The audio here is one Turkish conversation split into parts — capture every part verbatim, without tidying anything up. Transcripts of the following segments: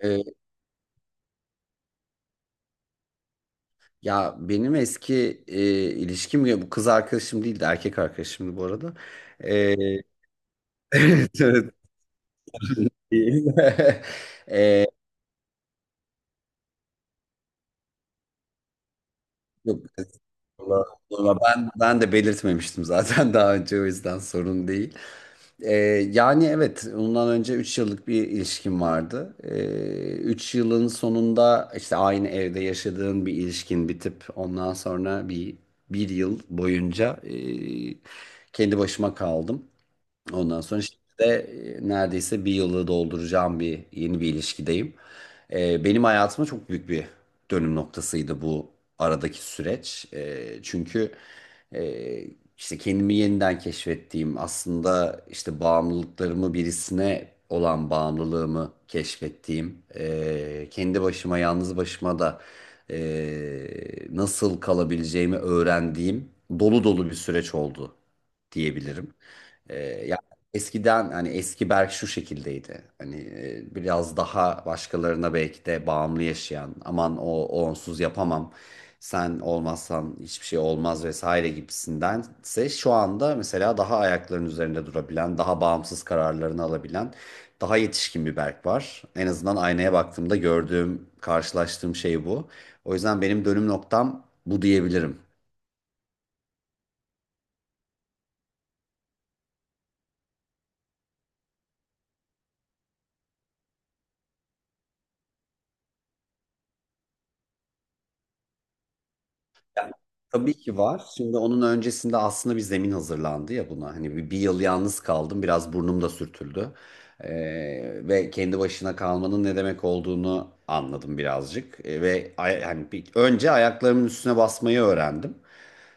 Ee, ya benim eski e, ilişkim ya bu kız arkadaşım değildi, erkek arkadaşımdı bu arada. Ee, evet, evet. Değil. Ee, yok, estağfurullah. Ama ben ben de belirtmemiştim zaten daha önce, o yüzden sorun değil. Ee, yani evet, ondan önce üç yıllık bir ilişkim vardı. Üç yılın sonunda işte aynı evde yaşadığın bir ilişkin bitip ondan sonra bir bir yıl boyunca e, kendi başıma kaldım. Ondan sonra şimdi de e, neredeyse bir yılı dolduracağım, bir yeni bir ilişkideyim. E, benim hayatıma çok büyük bir dönüm noktasıydı bu aradaki süreç. E, çünkü e, işte kendimi yeniden keşfettiğim, aslında işte bağımlılıklarımı, birisine olan bağımlılığımı keşfettiğim, e, kendi başıma, yalnız başıma da e, nasıl kalabileceğimi öğrendiğim dolu dolu bir süreç oldu diyebilirim. Ee, ya eskiden hani eski Berk şu şekildeydi. Hani e, biraz daha başkalarına belki de bağımlı yaşayan, aman o, o onsuz yapamam. Sen olmazsan hiçbir şey olmaz vesaire gibisindense şu anda mesela daha ayaklarının üzerinde durabilen, daha bağımsız kararlarını alabilen, daha yetişkin bir Berk var. En azından aynaya baktığımda gördüğüm, karşılaştığım şey bu. O yüzden benim dönüm noktam bu diyebilirim. Tabii ki var. Şimdi onun öncesinde aslında bir zemin hazırlandı ya buna. Hani bir, bir yıl yalnız kaldım. Biraz burnum da sürtüldü. Ee, ve kendi başına kalmanın ne demek olduğunu anladım birazcık. Ee, ve ay- hani bir, önce ayaklarımın üstüne basmayı öğrendim.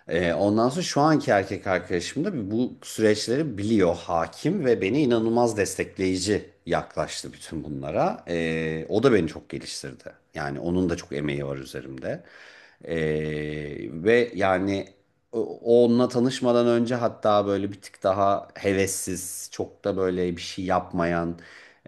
Ee, ondan sonra şu anki erkek arkadaşım da bu süreçleri biliyor, hakim ve beni inanılmaz destekleyici yaklaştı bütün bunlara. Ee, o da beni çok geliştirdi. Yani onun da çok emeği var üzerimde. Ee, ve yani o- onunla tanışmadan önce hatta böyle bir tık daha hevessiz, çok da böyle bir şey yapmayan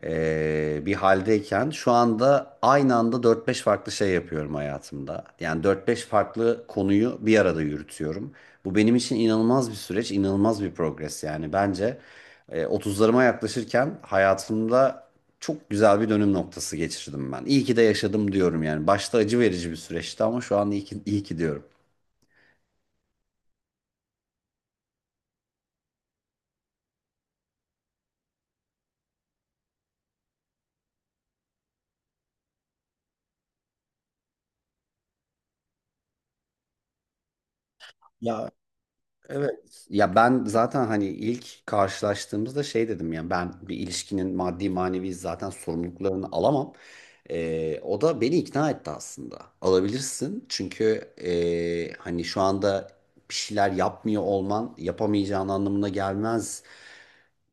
eee, bir haldeyken, şu anda aynı anda dört beş farklı şey yapıyorum hayatımda. Yani dört beş farklı konuyu bir arada yürütüyorum. Bu benim için inanılmaz bir süreç, inanılmaz bir progres yani. Bence e, otuzlarıma yaklaşırken hayatımda çok güzel bir dönüm noktası geçirdim ben. İyi ki de yaşadım diyorum yani. Başta acı verici bir süreçti ama şu an iyi ki, iyi ki diyorum. Evet. Ya ben zaten hani ilk karşılaştığımızda şey dedim ya, ben bir ilişkinin maddi manevi zaten sorumluluklarını alamam. Ee, o da beni ikna etti aslında. Alabilirsin çünkü ee, hani şu anda bir şeyler yapmıyor olman yapamayacağın anlamına gelmez.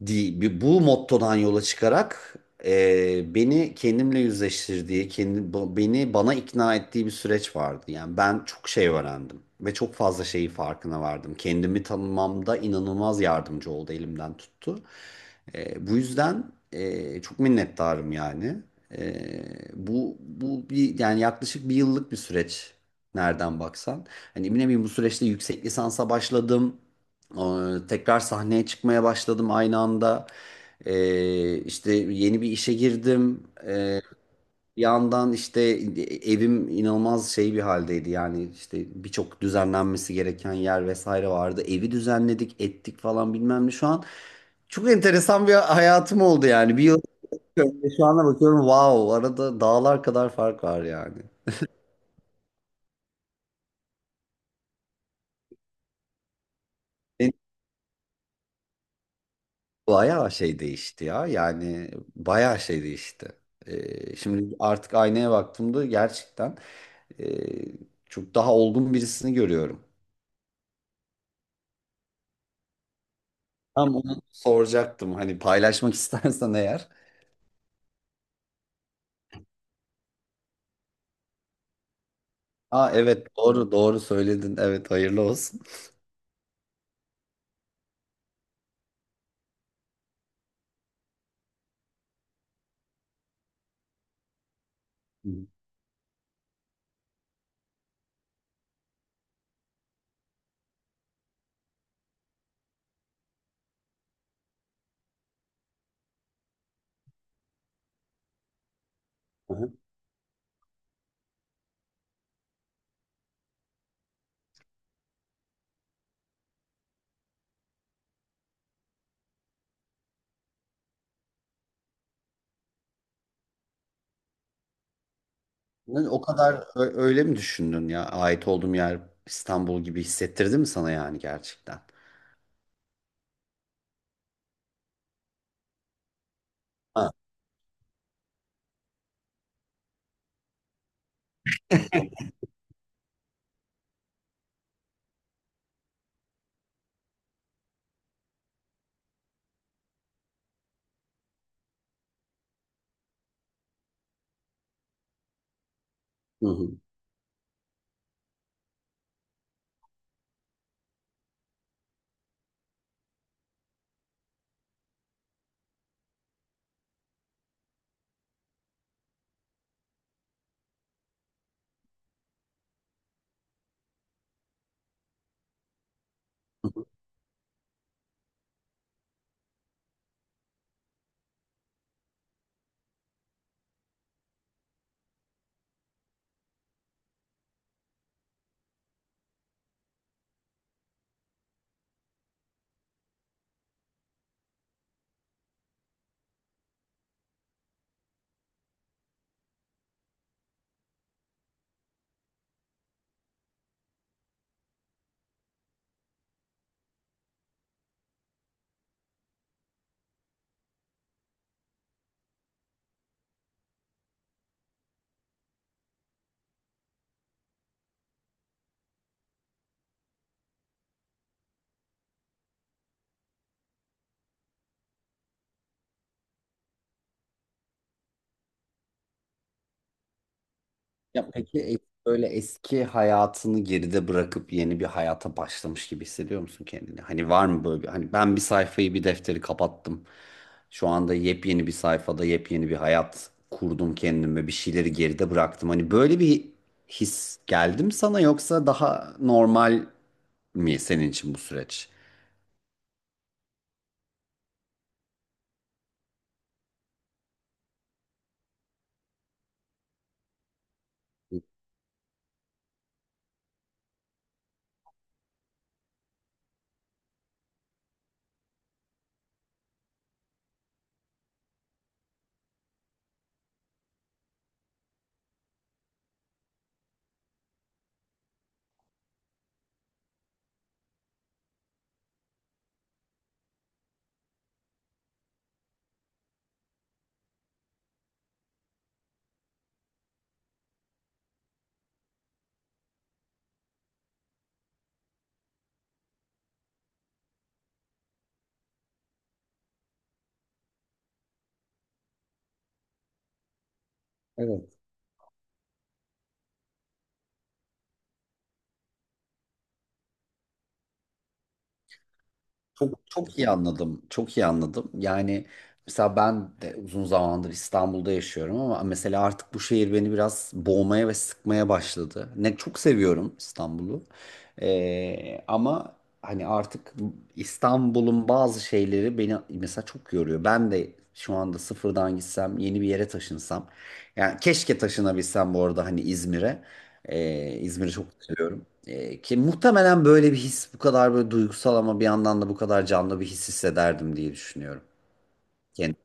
Di- Bu mottodan yola çıkarak e, beni kendimle yüzleştirdiği, kendi, bu- beni bana ikna ettiği bir süreç vardı. Yani ben çok şey öğrendim ve çok fazla şeyi farkına vardım. Kendimi tanımamda inanılmaz yardımcı oldu, elimden tuttu. E, bu yüzden e, çok minnettarım yani. E, Bu bu bir yani yaklaşık bir yıllık bir süreç nereden baksan. Hani eminim, bu süreçte yüksek lisansa başladım. Ee, Tekrar sahneye çıkmaya başladım aynı anda. Ee, işte yeni bir işe girdim. Ee, bir yandan işte evim inanılmaz şey bir haldeydi. Yani işte birçok düzenlenmesi gereken yer vesaire vardı. Evi düzenledik, ettik falan bilmem ne. Şu an çok enteresan bir hayatım oldu yani. Bir yıl önce şu ana bakıyorum, wow, arada dağlar kadar fark var yani. Bayağı şey değişti ya. Yani bayağı şey değişti. Ee, şimdi artık aynaya baktığımda gerçekten e, çok daha olgun birisini görüyorum. Tam onu soracaktım. Hani paylaşmak istersen eğer. Aa evet, doğru doğru söyledin. Evet, hayırlı olsun. Hı hı. Yani o kadar ö- öyle mi düşündün ya? Ait olduğum yer İstanbul gibi hissettirdi mi sana yani gerçekten? Ha. Hı hı. Ya peki, e- böyle eski hayatını geride bırakıp yeni bir hayata başlamış gibi hissediyor musun kendini? Hani var mı böyle bir, hani ben bir sayfayı, bir defteri kapattım. Şu anda yepyeni bir sayfada yepyeni bir hayat kurdum kendime, bir şeyleri geride bıraktım. Hani böyle bir his geldi mi sana, yoksa daha normal mi senin için bu süreç? Çok çok iyi anladım. Çok iyi anladım. Yani mesela ben de uzun zamandır İstanbul'da yaşıyorum ama mesela artık bu şehir beni biraz boğmaya ve sıkmaya başladı. Ne çok seviyorum İstanbul'u. Ee, ama hani artık İstanbul'un bazı şeyleri beni mesela çok yoruyor. Ben de şu anda sıfırdan gitsem, yeni bir yere taşınsam. Yani keşke taşınabilsem, bu arada, hani İzmir'e. Ee, İzmir'i çok seviyorum. E, ki muhtemelen böyle bir his bu kadar böyle duygusal ama bir yandan da bu kadar canlı bir his hissederdim diye düşünüyorum. Kendim.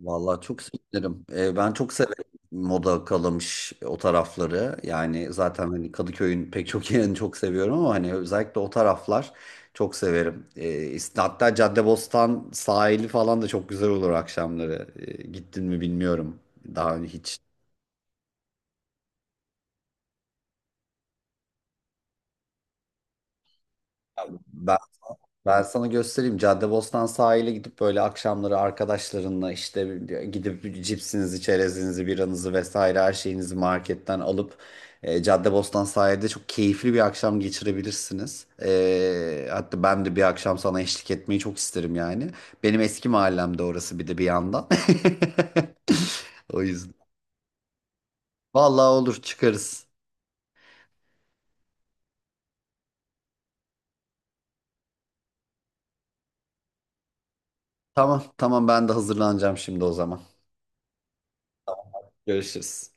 Vallahi çok sevinirim. E, ben çok severim moda, kalamış o tarafları. Yani zaten hani Kadıköy'ün pek çok yerini çok seviyorum ama hani özellikle o taraflar çok severim. E, ist- hatta Caddebostan sahili falan da çok güzel olur akşamları. E, gittin mi bilmiyorum. Daha önce hiç. Ben sana göstereyim. Caddebostan sahile gidip böyle akşamları arkadaşlarınla işte gidip cipsinizi, çerezinizi, biranızı vesaire her şeyinizi marketten alıp e, Caddebostan sahilde çok keyifli bir akşam geçirebilirsiniz. E, hatta ben de bir akşam sana eşlik etmeyi çok isterim yani. Benim eski mahallemde orası bir de bir yandan. O yüzden. Vallahi olur, çıkarız. Tamam tamam, ben de hazırlanacağım şimdi o zaman. Görüşürüz.